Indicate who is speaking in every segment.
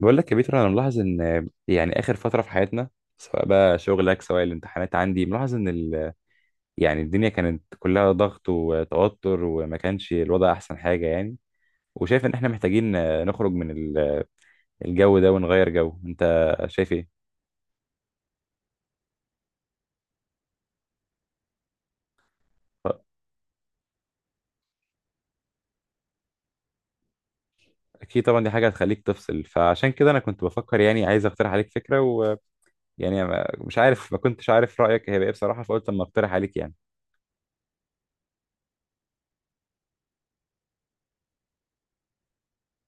Speaker 1: بقول لك يا بيتر، انا ملاحظ ان يعني اخر فتره في حياتنا سواء بقى شغلك سواء الامتحانات، عندي ملاحظ ان يعني الدنيا كانت كلها ضغط وتوتر، وما كانش الوضع احسن حاجه يعني. وشايف ان احنا محتاجين نخرج من الجو ده ونغير جو. انت شايف ايه؟ اكيد طبعا، دي حاجه هتخليك تفصل، فعشان كده انا كنت بفكر يعني، عايز اقترح عليك فكره ويعني مش عارف، ما كنتش عارف رايك هيبقى ايه بصراحه، فقلت اما اقترح عليك يعني.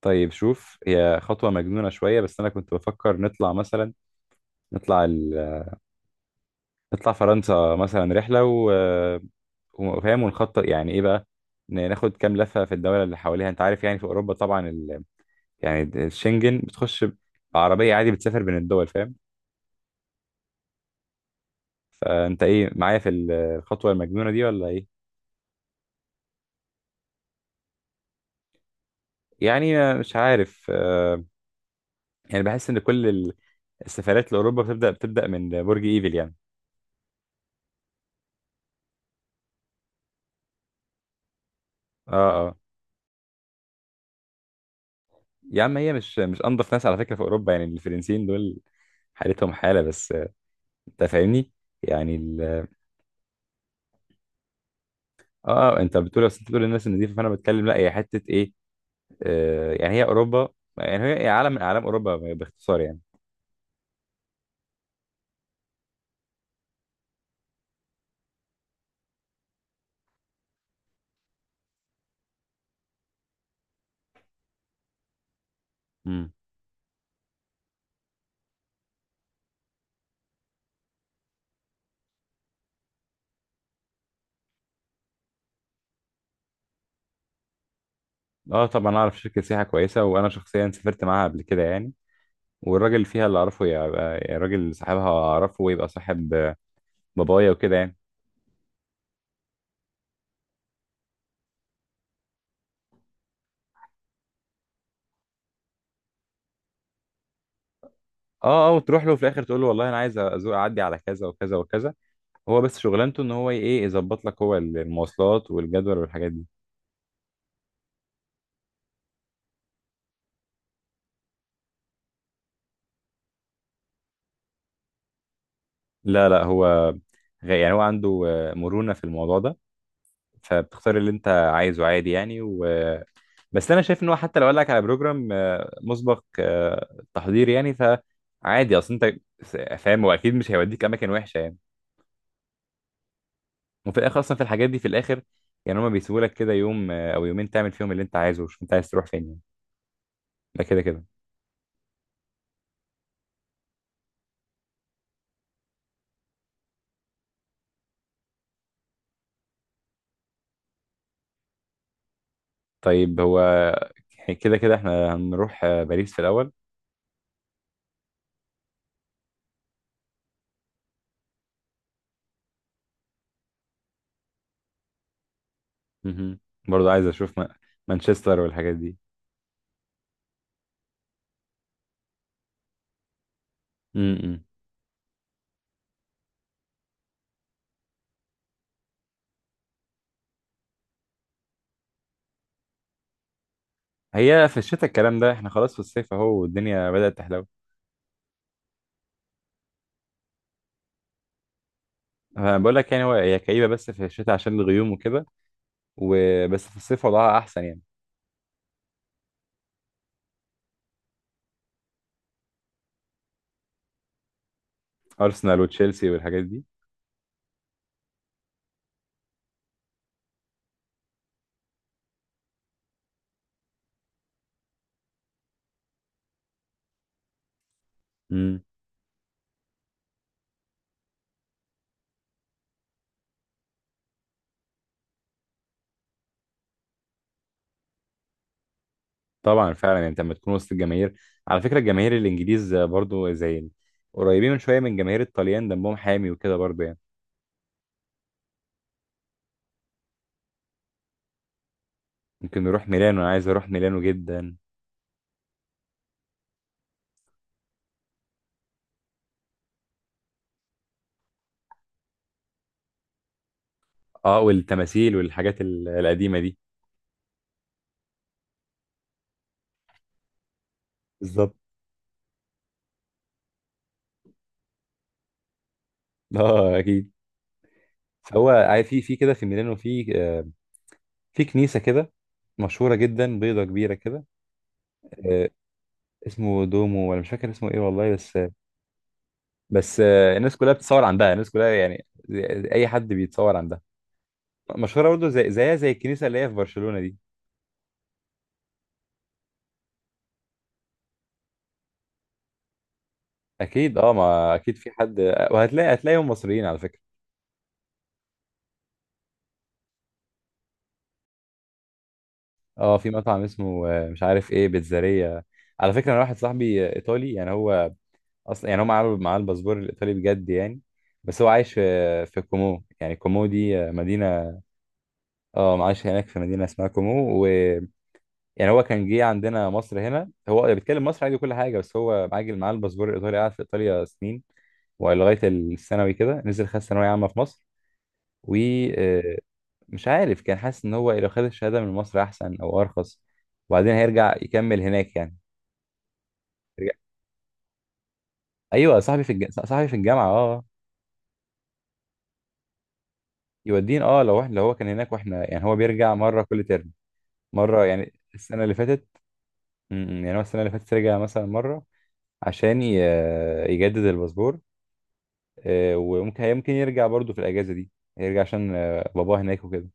Speaker 1: طيب شوف، هي خطوه مجنونه شويه بس انا كنت بفكر نطلع مثلا، نطلع نطلع فرنسا مثلا رحلة وفاهم، ونخطط يعني ايه بقى. ناخد كام لفة في الدولة اللي حواليها، انت عارف يعني في اوروبا طبعا يعني الشنجن بتخش بعربية عادي، بتسافر بين الدول، فاهم. فانت ايه معايا في الخطوة المجنونة دي ولا ايه؟ يعني مش عارف، يعني بحس ان كل السفرات لاوروبا بتبدأ من برج ايفل يعني. اه، اه، يا عم هي مش انضف ناس على فكرة في اوروبا، يعني الفرنسيين دول حالتهم حالة، بس انت فاهمني يعني. اه، انت بتقول، بس انت بتقول الناس النظيفه، فانا بتكلم لا هي حته ايه، آه يعني هي اوروبا، يعني هي عالم من اعلام اوروبا باختصار يعني. امم. اه طبعا، اعرف شركه سياحه كويسه وانا شخصيا سافرت معاها قبل كده يعني، والراجل اللي فيها اللي اعرفه يبقى يعني راجل، صاحبها اعرفه ويبقى صاحب بابايا وكده يعني. اه، اه، وتروح له في الاخر تقول له والله انا عايز ازور، اعدي على كذا وكذا وكذا، هو بس شغلانته ان هو ايه، يظبط لك هو المواصلات والجدول والحاجات دي. لا لا هو يعني هو عنده مرونه في الموضوع ده، فبتختار اللي انت عايزه عادي يعني بس انا شايف ان هو حتى لو قال لك على بروجرام مسبق تحضير يعني، فعادي، اصل انت فاهم هو اكيد مش هيوديك اماكن وحشه يعني. وفي الاخر اصلا في الحاجات دي في الاخر يعني هما بيسيبوا لك كده يوم او يومين تعمل فيهم اللي انت عايزه، وشوف انت عايز تروح فين يعني. ده كده كده. طيب هو كده كده احنا هنروح باريس في الاول. مهم. برضه عايز اشوف مانشستر والحاجات دي. م -م. هي في الشتاء الكلام ده، احنا خلاص في الصيف اهو والدنيا بدأت تحلو. أنا بقول لك يعني، هو هي كئيبه بس في الشتاء عشان الغيوم وكده، وبس في الصيف وضعها احسن يعني. ارسنال وتشيلسي والحاجات دي. امم. طبعا فعلا، يعني انت لما تكون وسط الجماهير، على فكره الجماهير الانجليز برضو زي قريبين من شويه من جماهير الطليان، دمهم حامي وكده برضو يعني. ممكن نروح ميلانو، انا عايز اروح ميلانو جدا. اه والتماثيل والحاجات القديمه دي. بالظبط. اه اكيد. فهو عارف في كده في ميلانو في في كنيسه كده مشهوره جدا، بيضه كبيره كده، آه، اسمه دومو ولا مش فاكر اسمه ايه والله، بس بس الناس كلها بتتصور عندها، الناس كلها يعني اي حد بيتصور عندها، مشهوره برضه زي زيها زي الكنيسه اللي هي في برشلونه دي. اكيد اه، ما اكيد في حد، وهتلاقي هتلاقيهم مصريين على فكره. اه في مطعم اسمه مش عارف ايه بيتزارية. على فكره انا واحد صاحبي ايطالي يعني، هو اصلا يعني هو معاه الباسبور الايطالي بجد يعني، بس هو عايش في كومو، يعني كومو دي مدينه. اه عايش هناك في مدينه اسمها كومو، و يعني هو كان جه عندنا مصر هنا، هو بيتكلم مصر عادي كل حاجه، بس هو عاجل معاه الباسبور الايطالي، قعد في ايطاليا سنين ولغايه الثانوي كده نزل خد ثانويه عامه في مصر. ومش عارف كان حاسس ان هو لو خد الشهاده من مصر احسن او ارخص، وبعدين هيرجع يكمل هناك يعني. يرجع- ايوه صاحبي صاحبي في الجامعه، اه. يودين اه، لو احنا لو هو كان هناك واحنا، يعني هو بيرجع مره كل ترم، مره يعني السنه اللي فاتت. م- م، يعني هو السنه اللي فاتت رجع مثلا مره عشان يجدد الباسبور، وممكن يمكن يرجع برضو في الاجازه دي، يرجع عشان باباه هناك وكده.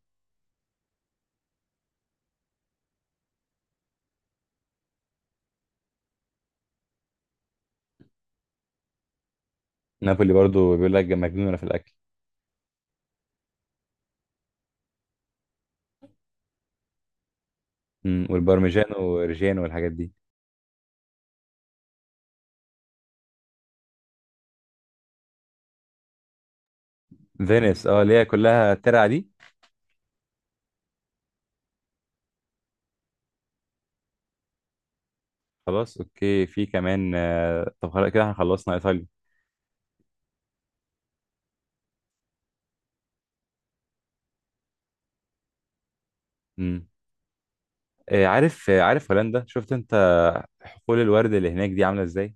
Speaker 1: نابولي برضو بيقول لك مجنونه في الاكل. والبارميجان وريجيان والحاجات دي. فينيس، اه اللي هي كلها ترع دي. خلاص اوكي، في كمان طب خلاص كده احنا خلصنا ايطاليا. مم. عارف هولندا، شفت انت حقول الورد اللي هناك دي عامله ازاي؟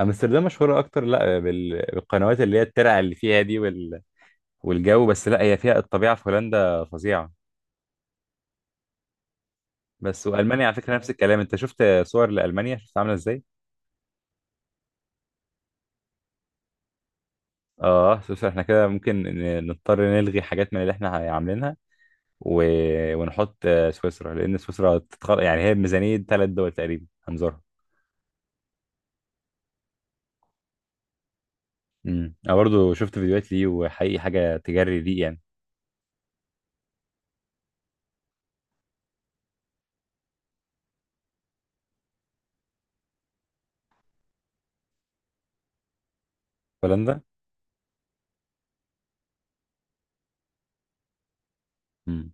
Speaker 1: امستردام مشهوره اكتر لا بالقنوات اللي هي الترع اللي فيها دي والجو، بس لا هي فيها الطبيعه في هولندا فظيعه، بس والمانيا على فكره نفس الكلام، انت شفت صور لالمانيا شفت عامله ازاي. اه بس احنا كده ممكن نضطر نلغي حاجات من اللي احنا عاملينها و... ونحط سويسرا، لان سويسرا يعني هي بميزانية 3 دول تقريبا هنزورها. امم، انا برضو شفت فيديوهات ليه، وحقيقي حاجة تجري ليه يعني. هولندا. امم.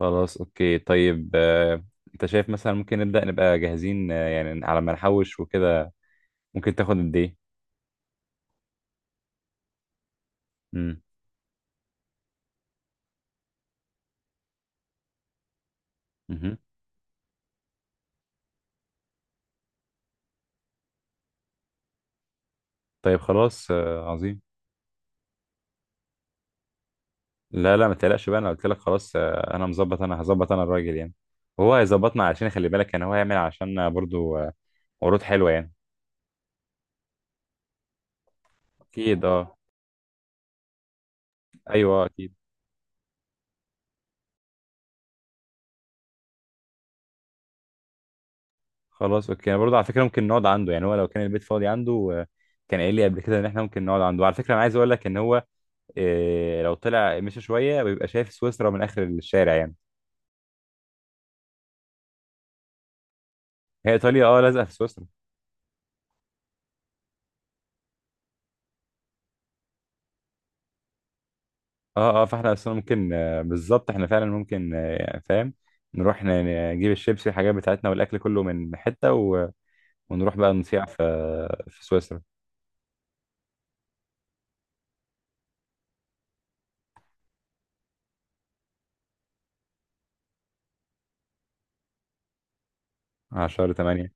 Speaker 1: خلاص اوكي طيب، انت شايف مثلا ممكن نبدأ نبقى جاهزين، يعني على ما نحوش وكده، ممكن تاخد قد ايه؟ امم. مهم. طيب خلاص، آه، عظيم. لا لا، ما تقلقش بقى، انا قلت لك خلاص انا هظبط انا الراجل يعني، وهو هيظبطنا. علشان خلي بالك، يعني هو هيعمل عشان برضو عروض حلوه يعني. اكيد اه. ايوه اكيد. خلاص اوكي، انا برضو على فكره ممكن نقعد عنده، يعني هو لو كان البيت فاضي عنده كان قايل لي قبل كده ان احنا ممكن نقعد عنده. على فكره انا عايز اقول لك ان هو لو طلع مشى شويه بيبقى شايف سويسرا من اخر الشارع يعني. هي ايطاليا اه لازقه في سويسرا. اه اه، فاحنا اصلا ممكن بالظبط، احنا فعلا ممكن فاهم، نروح نجيب الشيبسي والحاجات بتاعتنا والاكل كله من حته، ونروح بقى نسيع في في سويسرا. على شهر 8.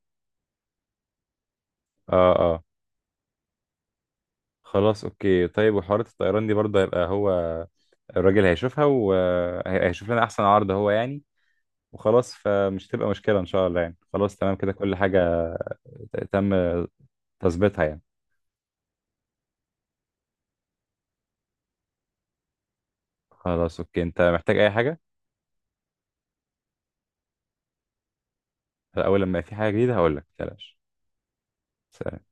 Speaker 1: اه اه. خلاص اوكي طيب، وحوارات الطيران دي برضه هيبقى هو الراجل هيشوفها، وهيشوف لنا احسن عرض هو يعني، وخلاص فمش تبقى مشكلة ان شاء الله يعني. خلاص تمام كده كل حاجة تم تظبيطها يعني. خلاص اوكي، انت محتاج اي حاجة؟ اول لما في حاجة جديدة هقول لك، متقلقش. سلام.